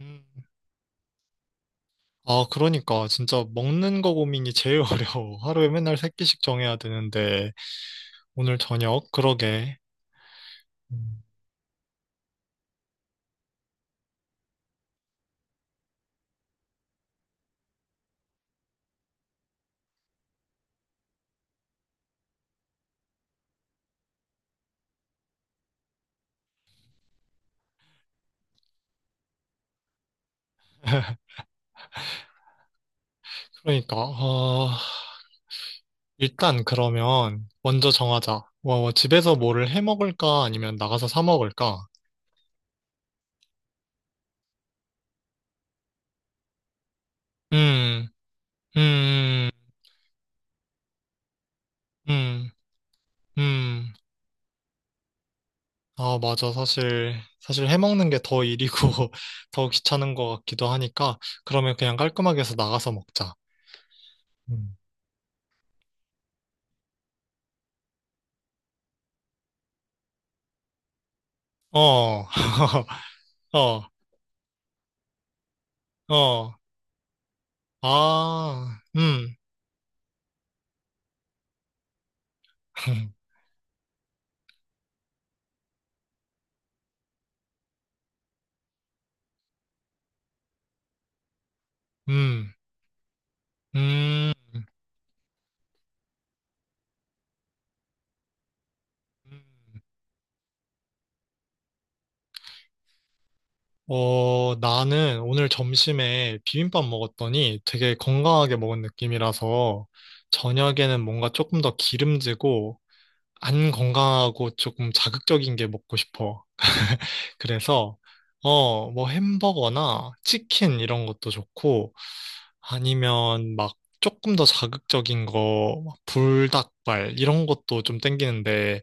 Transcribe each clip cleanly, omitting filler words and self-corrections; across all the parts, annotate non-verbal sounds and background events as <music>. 음. 아, 그러니까 진짜 먹는 거 고민이 제일 <laughs> 어려워. 하루에 맨날 세 끼씩 정해야 되는데 오늘 저녁 그러게. 음. <laughs> 그러니까 어, 일단 그러면 먼저 정하자. 뭐 집에서 뭐를 해 먹을까 아니면 나가서 사 먹을까? 음, 음, 음, 음. 아, 맞아. 사실 해 먹는 게 더 일이고 <laughs> 더 귀찮은 것 같기도 하니까 그러면 그냥 깔끔하게 해서 나가서 먹자. 음. 어, <laughs> 어. 어, 아, <laughs> 음, 음. 어, 나는 오늘 점심에 비빔밥 먹었더니 되게 건강하게 먹은 느낌이라서 저녁에는 뭔가 조금 더 기름지고 안 건강하고 조금 자극적인 게 먹고 싶어. 그래서, 어, 뭐 햄버거나 치킨 이런 것도 좋고 아니면 막 조금 더 자극적인 거, 막 불닭발 이런 것도 좀 땡기는데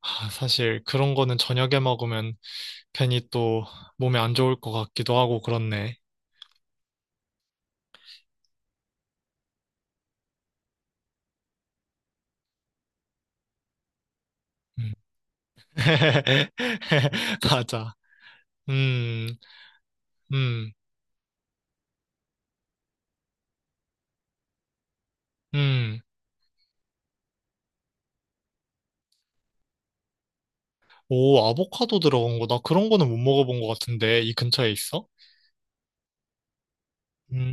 아, 사실 그런 거는 저녁에 먹으면 괜히 또 몸에 안 좋을 것 같기도 하고 그렇네. 음. <laughs> 맞아. 음, 음, 음. 오, 아보카도 들어간 거. 나 그런 거는 못 먹어본 것 같은데. 이 근처에 있어? 음,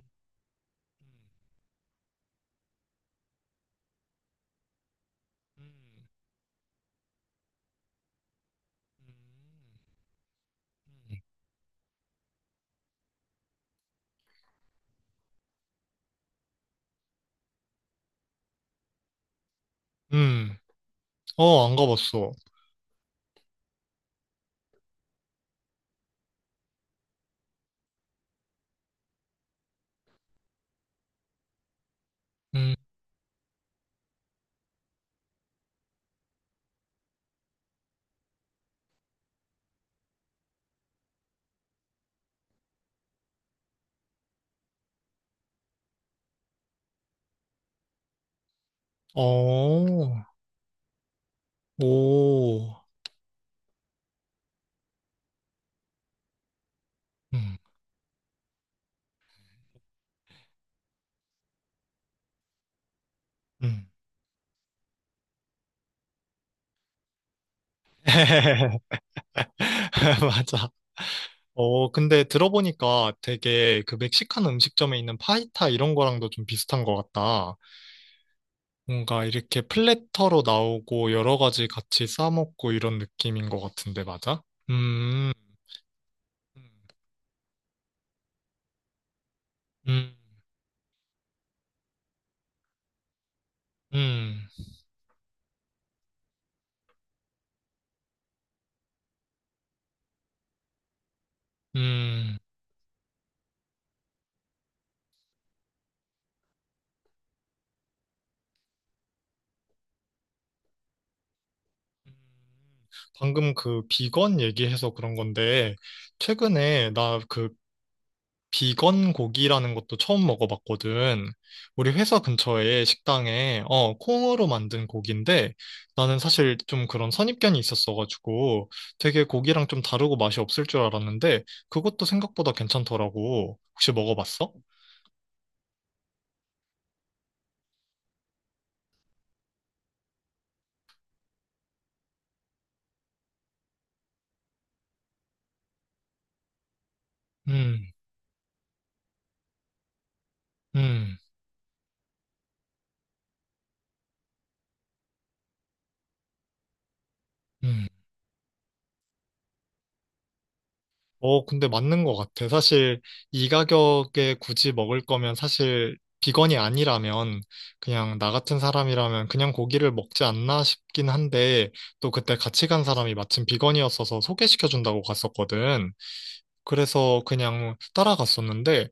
음, 음. 어, 안 가봤어. 음, 어, 오, 음, 음. <laughs> 맞아. 어, 근데 들어보니까 되게 그 멕시칸 음식점에 있는 파이타 이런 거랑도 좀 비슷한 것 같다. 뭔가 이렇게 플래터로 나오고 여러 가지 같이 싸먹고 이런 느낌인 것 같은데, 맞아? 음, 음, 음, 음. 음. 방금 그 비건 얘기해서 그런 건데, 최근에 나그 비건 고기라는 것도 처음 먹어봤거든. 우리 회사 근처에 식당에, 어, 콩으로 만든 고기인데, 나는 사실 좀 그런 선입견이 있었어가지고, 되게 고기랑 좀 다르고 맛이 없을 줄 알았는데, 그것도 생각보다 괜찮더라고. 혹시 먹어봤어? 음, 음, 음. 어, 근데 맞는 것 같아. 사실 이 가격에 굳이 먹을 거면 사실 비건이 아니라면 그냥 나 같은 사람이라면 그냥 고기를 먹지 않나 싶긴 한데 또 그때 같이 간 사람이 마침 비건이었어서 소개시켜 준다고 갔었거든. 그래서 그냥 따라갔었는데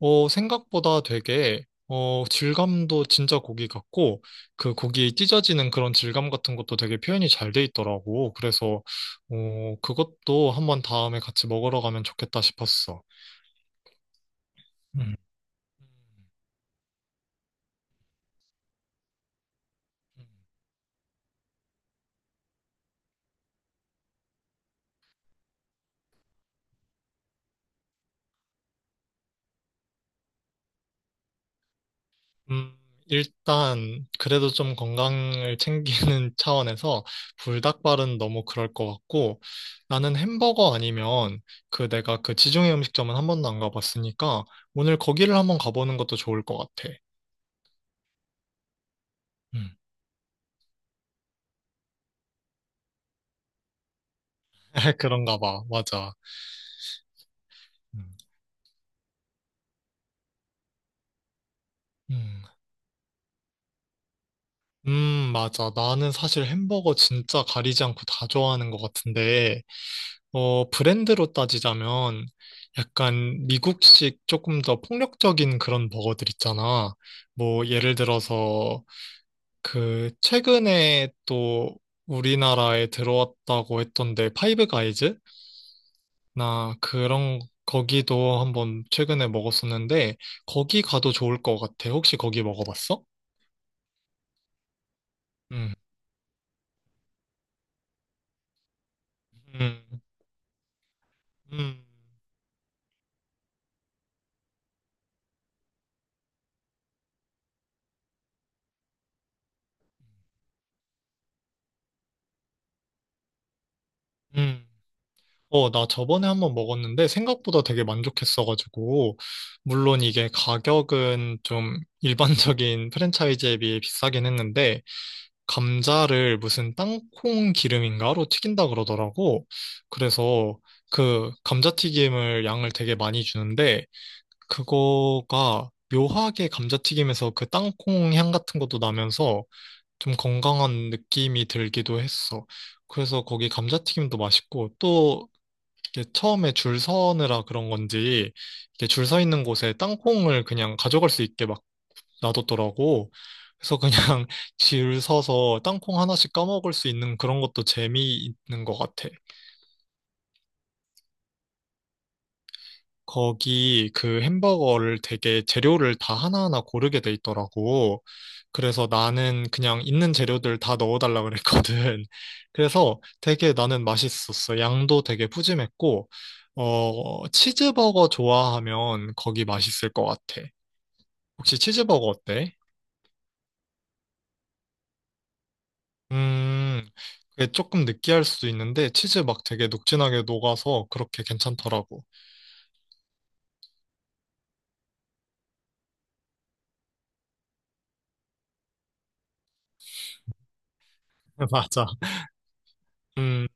어, 생각보다 되게, 어, 질감도 진짜 고기 같고, 그 고기 찢어지는 그런 질감 같은 것도 되게 표현이 잘 돼 있더라고. 그래서, 어, 그것도 한번 다음에 같이 먹으러 가면 좋겠다 싶었어. 음. 음, 일단, 그래도 좀 건강을 챙기는 <laughs> 차원에서 불닭발은 너무 그럴 것 같고, 나는 햄버거 아니면 그 내가 그 지중해 음식점은 한 번도 안 가봤으니까, 오늘 거기를 한번 가보는 것도 좋을 것 같아. 음. <laughs> 그런가 봐. 맞아. 음. 음. 맞아. 나는 사실 햄버거 진짜 가리지 않고 다 좋아하는 것 같은데, 어, 브랜드로 따지자면 약간 미국식 조금 더 폭력적인 그런 버거들 있잖아. 뭐, 예를 들어서 그 최근에 또 우리나라에 들어왔다고 했던데, 파이브 가이즈나 그런 거기도 한번 최근에 먹었었는데, 거기 가도 좋을 것 같아. 혹시 거기 먹어봤어? 음, 음, 음, 음. 어, 나 저번에 한번 먹었는데 생각보다 되게 만족했어가지고, 물론 이게 가격은 좀 <laughs> 일반적인 프랜차이즈에 비해 비싸긴 했는데, 감자를 무슨 땅콩 기름인가로 튀긴다 그러더라고. 그래서 그 감자튀김을 양을 되게 많이 주는데, 그거가 묘하게 감자튀김에서 그 땅콩 향 같은 것도 나면서 좀 건강한 느낌이 들기도 했어. 그래서 거기 감자튀김도 맛있고 또 이게 처음에 줄 서느라 그런 건지 이게 줄 서 있는 곳에 땅콩을 그냥 가져갈 수 있게 막 놔뒀더라고. 그래서 그냥 <laughs> 줄 서서 땅콩 하나씩 까먹을 수 있는 그런 것도 재미있는 것 같아. 거기 그 햄버거를 되게 재료를 다 하나하나 고르게 돼 있더라고. 그래서 나는 그냥 있는 재료들 다 넣어달라 그랬거든. <laughs> 그래서 되게 나는 맛있었어. 양도 되게 푸짐했고, 어, 치즈버거 좋아하면 거기 맛있을 것 같아. 혹시 치즈버거 어때? 음, 그게 조금 느끼할 수도 있는데, 치즈 막 되게 녹진하게 녹아서 그렇게 괜찮더라고. <laughs> 맞아. 음,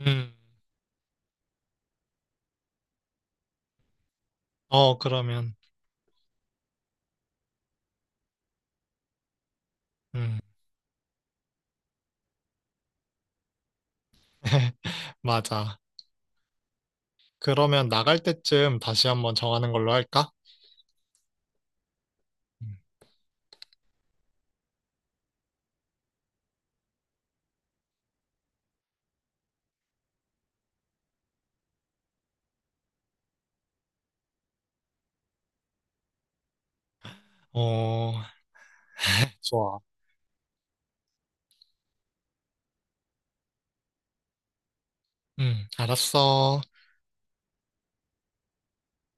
음. 어, 그러면. 음. <laughs> 맞아. 그러면 나갈 때쯤 다시 한번 정하는 걸로 할까? 음. 어, 좋아. 응, 알았어.